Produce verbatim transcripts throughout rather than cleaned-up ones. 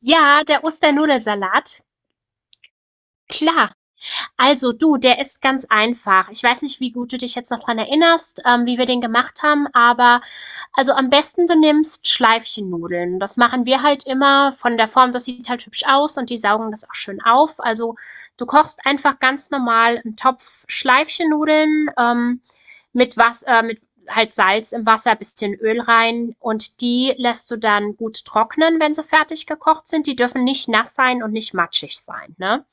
Ja, der Osternudelsalat, klar. Also du, der ist ganz einfach. Ich weiß nicht, wie gut du dich jetzt noch dran erinnerst, ähm, wie wir den gemacht haben, aber also am besten du nimmst Schleifchennudeln. Das machen wir halt immer von der Form, das sieht halt hübsch aus und die saugen das auch schön auf. Also du kochst einfach ganz normal einen Topf Schleifchennudeln ähm, mit was, äh, mit halt Salz im Wasser, bisschen Öl rein und die lässt du dann gut trocknen, wenn sie fertig gekocht sind. Die dürfen nicht nass sein und nicht matschig sein, ne?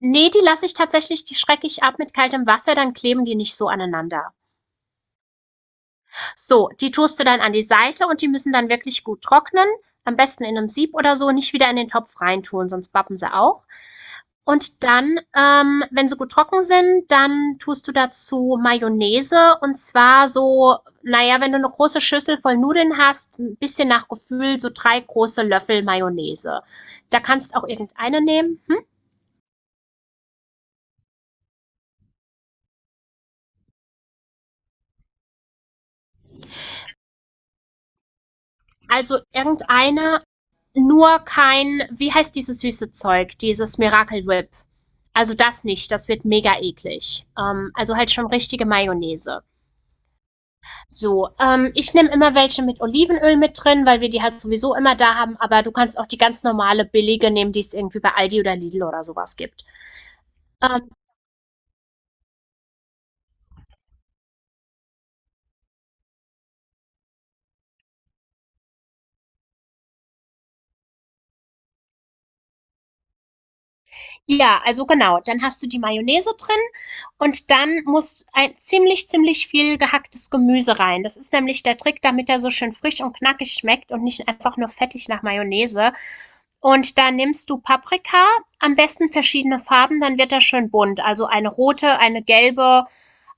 Nee, die lasse ich tatsächlich die schrecke ich ab mit kaltem Wasser, dann kleben die nicht so aneinander. So, die tust du dann an die Seite und die müssen dann wirklich gut trocknen. Am besten in einem Sieb oder so, nicht wieder in den Topf reintun, sonst bappen sie auch. Und dann, ähm, wenn sie gut trocken sind, dann tust du dazu Mayonnaise, und zwar so naja, wenn du eine große Schüssel voll Nudeln hast, 'n bisschen nach Gefühl so drei große Löffel Mayonnaise. Da kannst auch irgendeine nehmen. Also irgendeine, nur kein, wie heißt dieses süße Zeug, dieses Miracle Whip. Also das nicht, das wird mega eklig. Ähm, also halt schon richtige Mayonnaise. So, ähm, ich nehme immer welche mit Olivenöl mit drin, weil wir die halt sowieso immer da haben, aber du kannst auch die ganz normale billige nehmen, die es irgendwie bei Aldi oder Lidl oder sowas gibt. Ähm, Ja, also genau. Dann hast du die Mayonnaise drin und dann muss ein ziemlich, ziemlich viel gehacktes Gemüse rein. Das ist nämlich der Trick, damit er so schön frisch und knackig schmeckt und nicht einfach nur fettig nach Mayonnaise. Und da nimmst du Paprika, am besten verschiedene Farben, dann wird er schön bunt. Also eine rote, eine gelbe,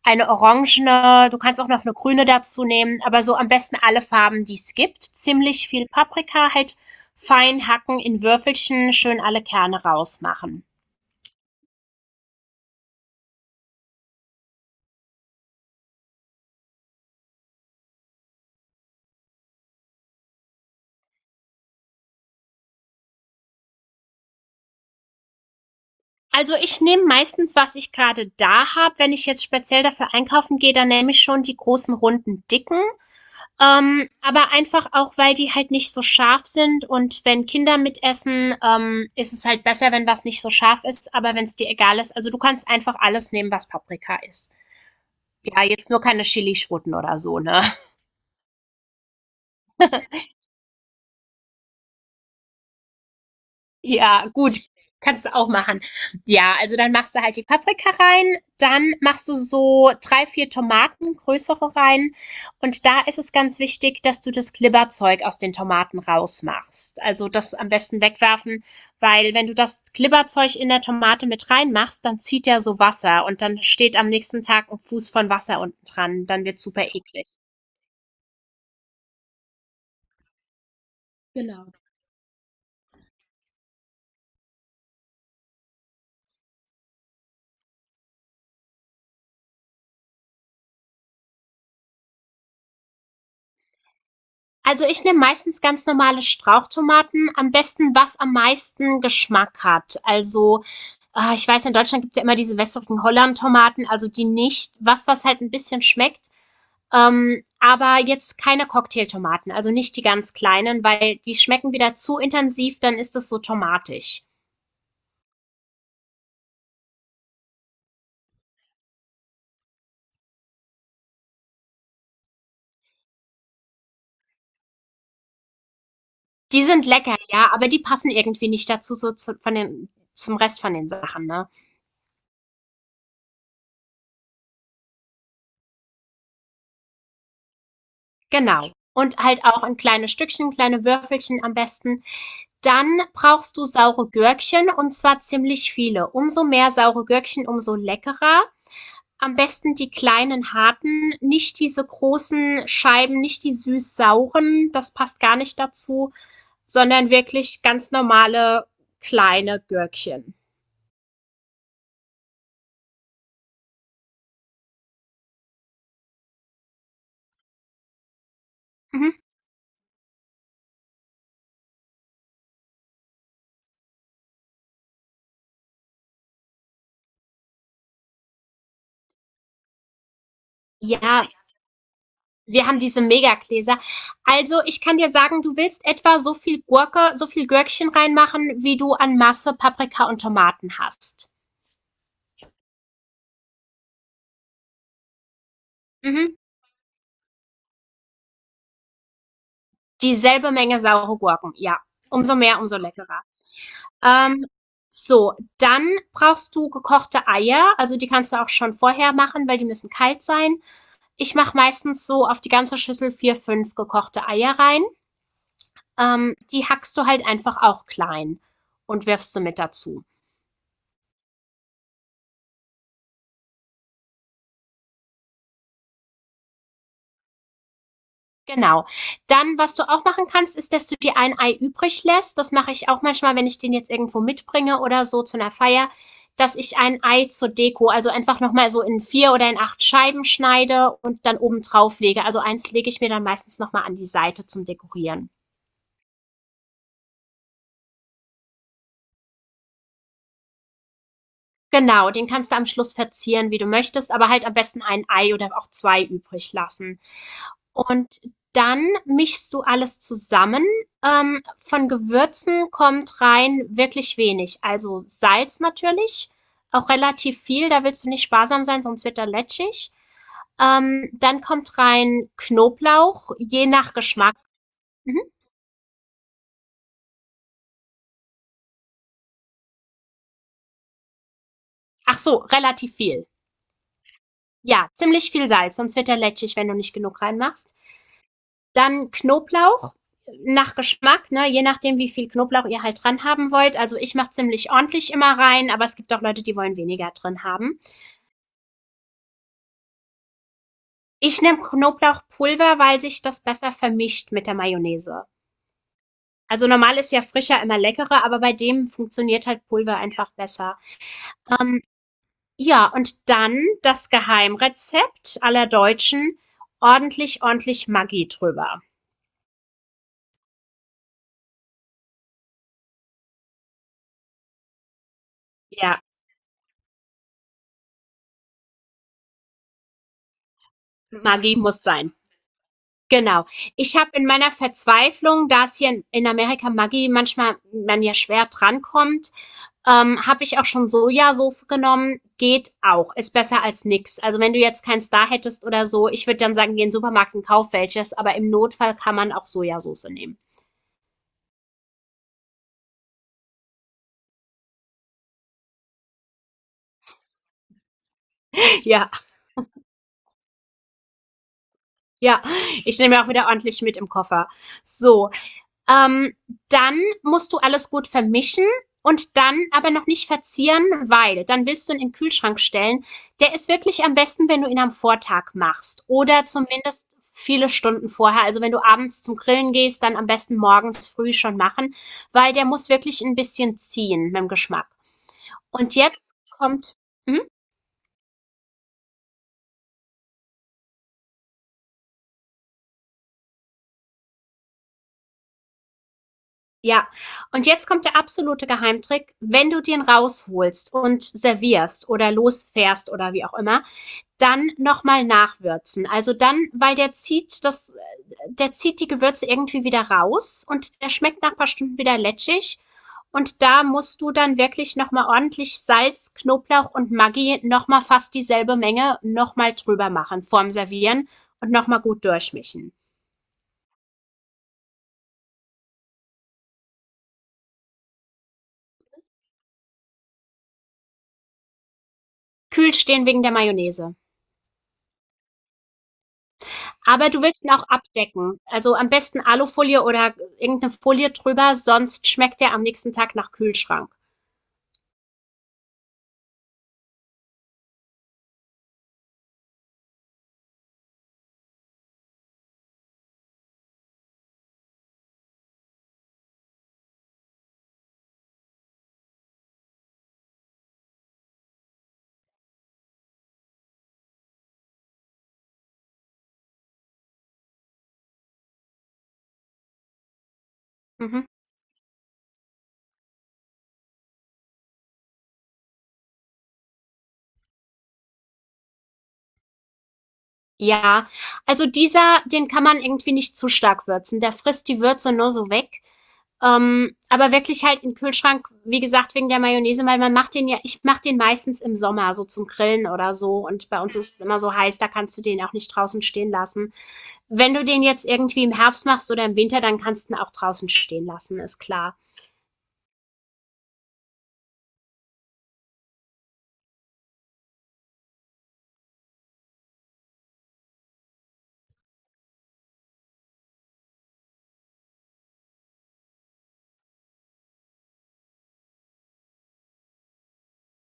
eine orangene, du kannst auch noch eine grüne dazu nehmen, aber so am besten alle Farben, die es gibt. Ziemlich viel Paprika, halt fein hacken in Würfelchen, schön alle Kerne rausmachen. Also ich nehme meistens, was ich gerade da habe. Wenn ich jetzt speziell dafür einkaufen gehe, dann nehme ich schon die großen, runden, dicken. Ähm, aber einfach auch, weil die halt nicht so scharf sind. Und wenn Kinder mitessen, ähm, ist es halt besser, wenn was nicht so scharf ist. Aber wenn es dir egal ist, also du kannst einfach alles nehmen, was Paprika ist. Ja, jetzt nur keine Chili-Schwutten oder so, ne? Ja, gut. Kannst du auch machen. Ja, also dann machst du halt die Paprika rein, dann machst du so drei, vier Tomaten, größere rein. Und da ist es ganz wichtig, dass du das Glibberzeug aus den Tomaten rausmachst. Also das am besten wegwerfen, weil wenn du das Glibberzeug in der Tomate mit reinmachst, dann zieht ja so Wasser und dann steht am nächsten Tag ein Fuß von Wasser unten dran. Dann wird super eklig. Genau. Also ich nehme meistens ganz normale Strauchtomaten, am besten was am meisten Geschmack hat. Also, ah, ich weiß, in Deutschland gibt's ja immer diese wässrigen Holland-Tomaten, also die nicht. Was, was halt ein bisschen schmeckt, ähm, aber jetzt keine Cocktailtomaten, also nicht die ganz kleinen, weil die schmecken wieder zu intensiv, dann ist es so tomatig. Die sind lecker, ja, aber die passen irgendwie nicht dazu, so zu von den zum Rest von den Sachen, ne? Genau. Und halt auch in kleine Stückchen, kleine Würfelchen am besten. Dann brauchst du saure Gürkchen, und zwar ziemlich viele. Umso mehr saure Gürkchen, umso leckerer. Am besten die kleinen harten, nicht diese großen Scheiben, nicht die süß-sauren, das passt gar nicht dazu, sondern wirklich ganz normale kleine Gürkchen. Mhm. Ja, wir haben diese Megagläser. Also ich kann dir sagen, du willst etwa so viel Gurke, so viel Gürkchen reinmachen, wie du an Masse Paprika und Tomaten hast. Mhm. Dieselbe Menge saure Gurken, ja. Umso mehr, umso leckerer. Ähm, so, dann brauchst du gekochte Eier. Also die kannst du auch schon vorher machen, weil die müssen kalt sein. Ich mache meistens so auf die ganze Schüssel vier, fünf gekochte Eier rein. Ähm, die hackst du halt einfach auch klein und wirfst sie mit dazu. Genau. Dann, was du auch machen kannst, ist, dass du dir ein Ei übrig lässt. Das mache ich auch manchmal, wenn ich den jetzt irgendwo mitbringe oder so zu einer Feier, dass ich ein Ei zur Deko, also einfach nochmal so in vier oder in acht Scheiben schneide und dann oben drauf lege. Also eins lege ich mir dann meistens nochmal an die Seite zum Dekorieren. Genau, den kannst du am Schluss verzieren, wie du möchtest, aber halt am besten ein Ei oder auch zwei übrig lassen. Und dann mischst du alles zusammen. Ähm, von Gewürzen kommt rein wirklich wenig. Also Salz natürlich, auch relativ viel, da willst du nicht sparsam sein, sonst wird er lätschig. Ähm, dann kommt rein Knoblauch, je nach Geschmack. Mhm. Ach so, relativ viel. Ja, ziemlich viel Salz, sonst wird er lätschig, wenn du nicht genug reinmachst. Dann Knoblauch nach Geschmack, ne? Je nachdem, wie viel Knoblauch ihr halt dran haben wollt. Also ich mache ziemlich ordentlich immer rein, aber es gibt auch Leute, die wollen weniger drin haben. Ich nehme Knoblauchpulver, weil sich das besser vermischt mit der Mayonnaise. Also normal ist ja frischer immer leckerer, aber bei dem funktioniert halt Pulver einfach besser. Ähm, ja, und dann das Geheimrezept aller Deutschen. Ordentlich, ordentlich Maggi drüber. Ja, Maggi muss sein. Genau. Ich habe in meiner Verzweiflung, da es hier in in Amerika Maggi manchmal man ja schwer drankommt, ähm, habe ich auch schon Sojasauce genommen. Geht auch. Ist besser als nix. Also wenn du jetzt keins da hättest oder so, ich würde dann sagen, geh in den Supermarkt und kauf welches, aber im Notfall kann man auch Sojasauce nehmen. Ja, ja. Ich nehme ja auch wieder ordentlich mit im Koffer. So. Ähm, Dann musst du alles gut vermischen und dann aber noch nicht verzieren, weil dann willst du ihn in den Kühlschrank stellen. Der ist wirklich am besten, wenn du ihn am Vortag machst oder zumindest viele Stunden vorher. Also wenn du abends zum Grillen gehst, dann am besten morgens früh schon machen, weil der muss wirklich ein bisschen ziehen mit dem Geschmack. Und jetzt kommt, hm? Ja, und jetzt kommt der absolute Geheimtrick, wenn du den rausholst und servierst oder losfährst oder wie auch immer, dann nochmal nachwürzen. Also dann, weil der zieht das, der zieht die Gewürze irgendwie wieder raus und der schmeckt nach ein paar Stunden wieder lätschig. Und da musst du dann wirklich nochmal ordentlich Salz, Knoblauch und Maggi, nochmal fast dieselbe Menge, nochmal drüber machen vorm Servieren und nochmal gut durchmischen. Kühl stehen wegen der Mayonnaise. Aber du willst ihn auch abdecken. Also am besten Alufolie oder irgendeine Folie drüber, sonst schmeckt er am nächsten Tag nach Kühlschrank. Mhm. Ja, also dieser, den kann man irgendwie nicht zu stark würzen. Der frisst die Würze nur so weg. Ähm, aber wirklich halt im Kühlschrank, wie gesagt, wegen der Mayonnaise, weil man macht den ja, ich mache den meistens im Sommer, so zum Grillen oder so. Und bei uns ist es immer so heiß, da kannst du den auch nicht draußen stehen lassen. Wenn du den jetzt irgendwie im Herbst machst oder im Winter, dann kannst du ihn auch draußen stehen lassen, ist klar.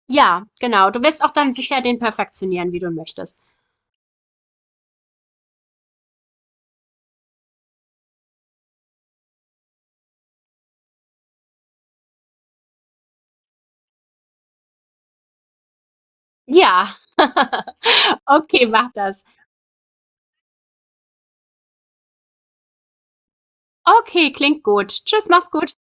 Ja, genau. Du wirst auch dann sicher den perfektionieren, wie du möchtest. Ja. Okay, mach das. Okay, klingt gut. Tschüss, mach's gut.